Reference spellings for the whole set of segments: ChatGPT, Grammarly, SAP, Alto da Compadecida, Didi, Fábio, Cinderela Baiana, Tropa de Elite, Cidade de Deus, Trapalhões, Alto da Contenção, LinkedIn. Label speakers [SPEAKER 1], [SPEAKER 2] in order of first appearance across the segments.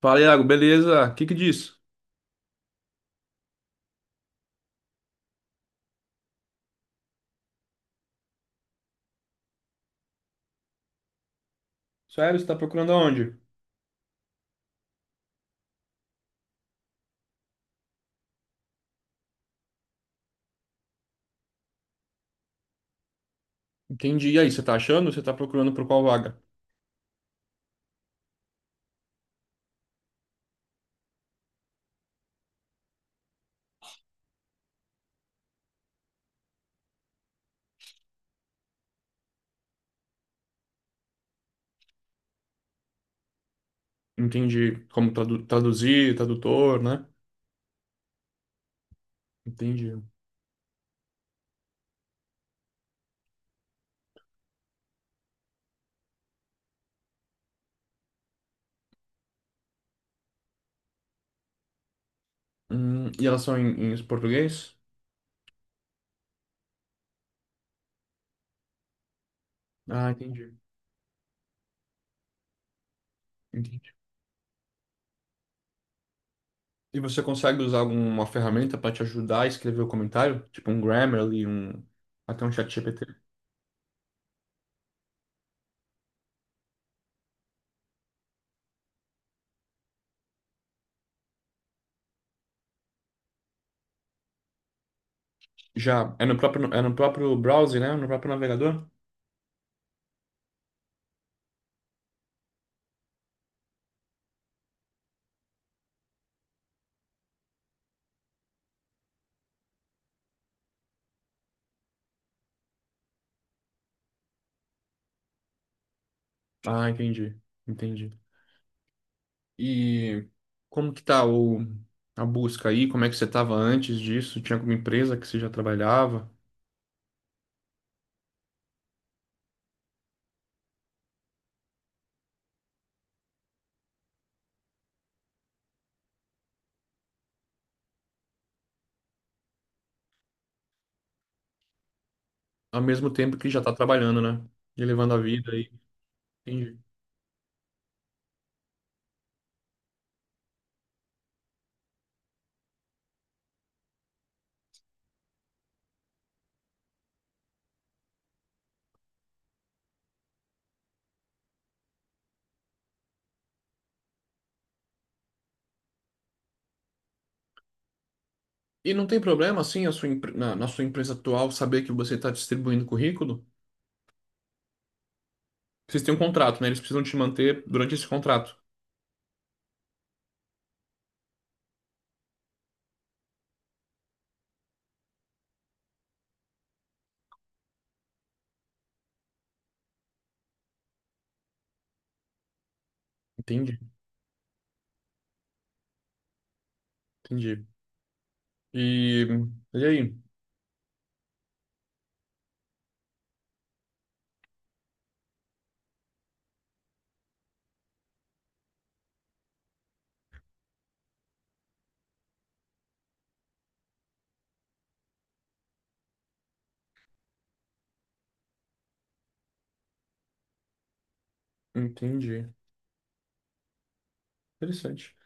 [SPEAKER 1] Fala, Iago, beleza? O que que diz? Sério, você tá procurando aonde? Entendi. E aí, você tá achando? Você tá procurando por qual vaga? Entendi. Como traduzir, tradutor, né? Entendi. E elas são em português? Ah, entendi. Entendi. E você consegue usar alguma ferramenta para te ajudar a escrever o comentário? Tipo um Grammarly, um... até um ChatGPT? Já. É no próprio browser, né? No próprio navegador? Ah, entendi. Entendi. E como que tá a busca aí? Como é que você estava antes disso? Tinha alguma empresa que você já trabalhava? Ao mesmo tempo que já está trabalhando, né? E levando a vida aí. Entendi. E não tem problema, assim, a sua, na, na sua empresa atual saber que você está distribuindo currículo? Vocês têm um contrato, né? Eles precisam te manter durante esse contrato. Entendi, entendi. E, e aí? Entendi. Interessante.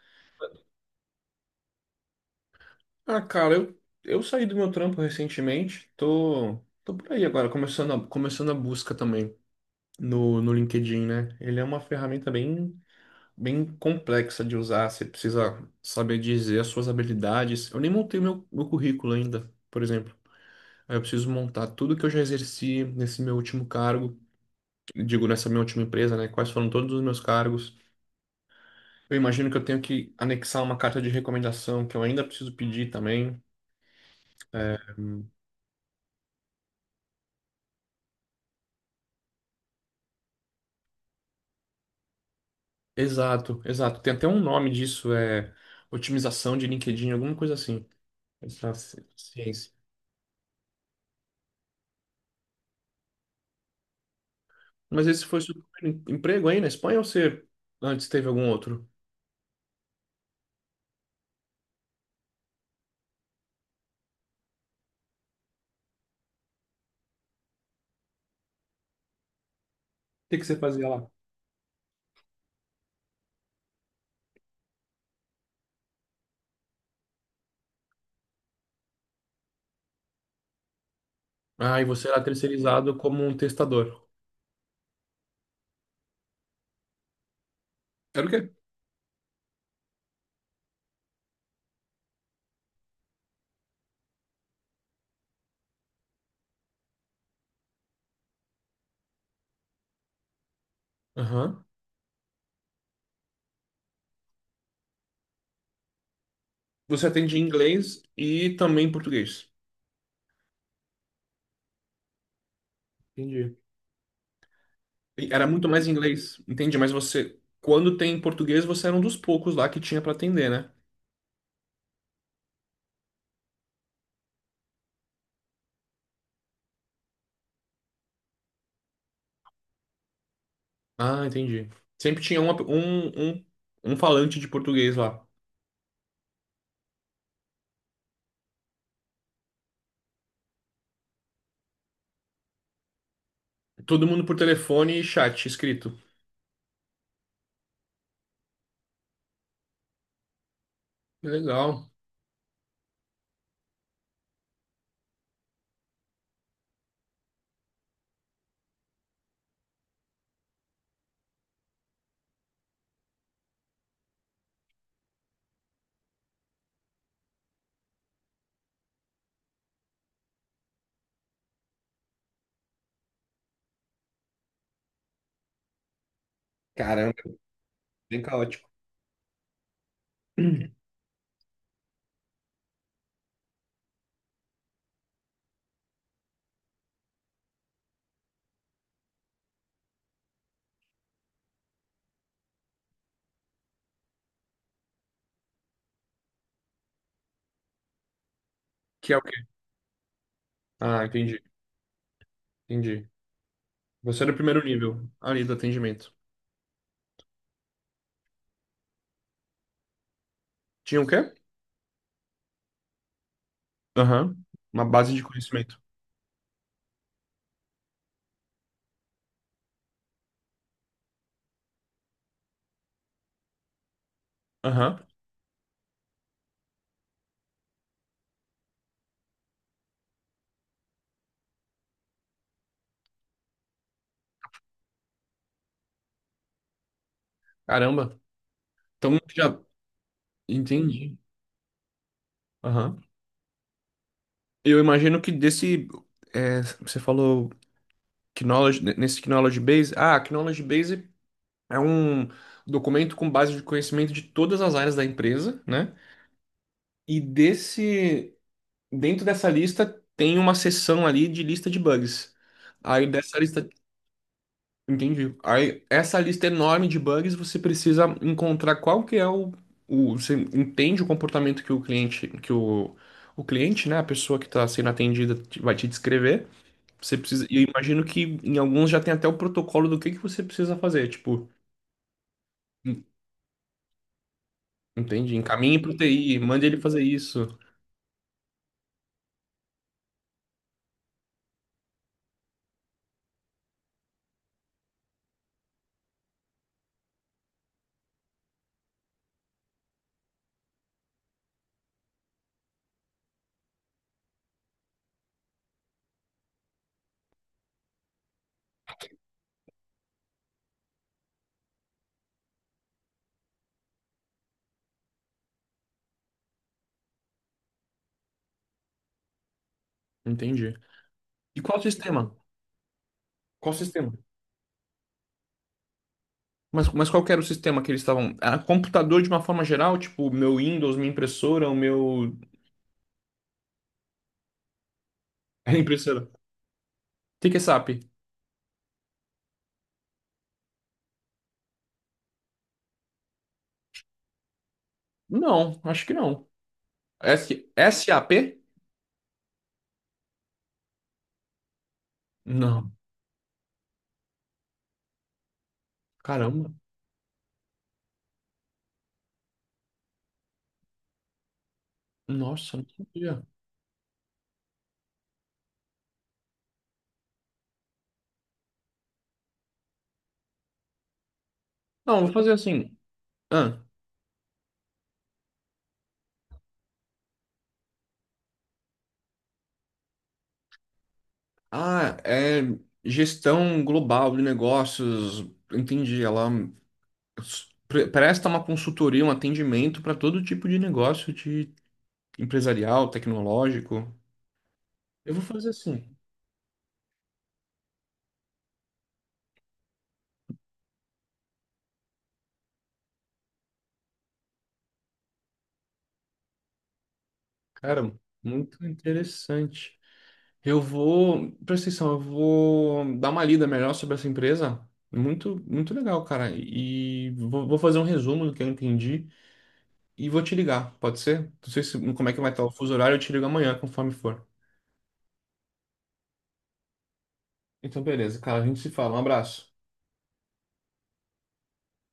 [SPEAKER 1] Ah, cara, eu saí do meu trampo recentemente. Tô, tô por aí agora, começando a busca também. No no LinkedIn, né? Ele é uma ferramenta bem complexa de usar. Você precisa saber dizer as suas habilidades. Eu nem montei meu currículo ainda, por exemplo. Aí eu preciso montar tudo que eu já exerci nesse meu último cargo, digo, nessa minha última empresa, né? Quais foram todos os meus cargos. Eu imagino que eu tenho que anexar uma carta de recomendação que eu ainda preciso pedir também. É, exato. Tem até um nome disso, é otimização de LinkedIn, alguma coisa assim. Essa ciência. Mas esse foi seu primeiro emprego aí na Espanha ou você antes teve algum outro? O que que você fazia lá? Ah, e você era terceirizado como um testador. Era o quê? Aham. Você atende em inglês e também em português. Entendi. E era muito mais em inglês, entendi. Mas você, quando tem em português, você era um dos poucos lá que tinha pra atender, né? Ah, entendi. Sempre tinha um, um falante de português lá. Todo mundo por telefone e chat escrito. Que legal. Caramba, bem caótico. Que é o quê? Ah, entendi. Entendi. Você era o primeiro nível ali do atendimento. Tinha o quê? Aham. Uma base de conhecimento. Aham. Caramba. Então já entendi. Aham. Eu imagino que desse. É, você falou knowledge, nesse Knowledge Base. Ah, Knowledge Base é um documento com base de conhecimento de todas as áreas da empresa, né? E desse. Dentro dessa lista tem uma seção ali de lista de bugs. Aí dessa lista. Entendi. Aí, essa lista enorme de bugs, você precisa encontrar qual que é você entende o comportamento que o cliente, né, a pessoa que está sendo atendida vai te descrever. Você precisa, e eu imagino que em alguns já tem até o protocolo do que você precisa fazer, tipo, en- entendi, encaminhe para o TI, mande ele fazer isso. Entendi. E qual sistema? Qual sistema? Mas qual que era o sistema que eles estavam? Era computador de uma forma geral, tipo, meu Windows, minha impressora, o meu a impressora. O que que é SAP? Não, acho que não. S SAP? Não. Caramba. Nossa, não sabia. Não, vou fazer assim. Ah, é gestão global de negócios. Entendi. Ela presta uma consultoria, um atendimento para todo tipo de negócio de empresarial, tecnológico. Eu vou fazer assim. Cara, muito interessante. Eu vou, presta atenção, eu vou dar uma lida melhor sobre essa empresa. Muito, muito legal, cara. E vou, vou fazer um resumo do que eu entendi e vou te ligar, pode ser? Não sei se, como é que vai estar o fuso horário, eu te ligo amanhã, conforme for. Então, beleza, cara, a gente se fala. Um abraço.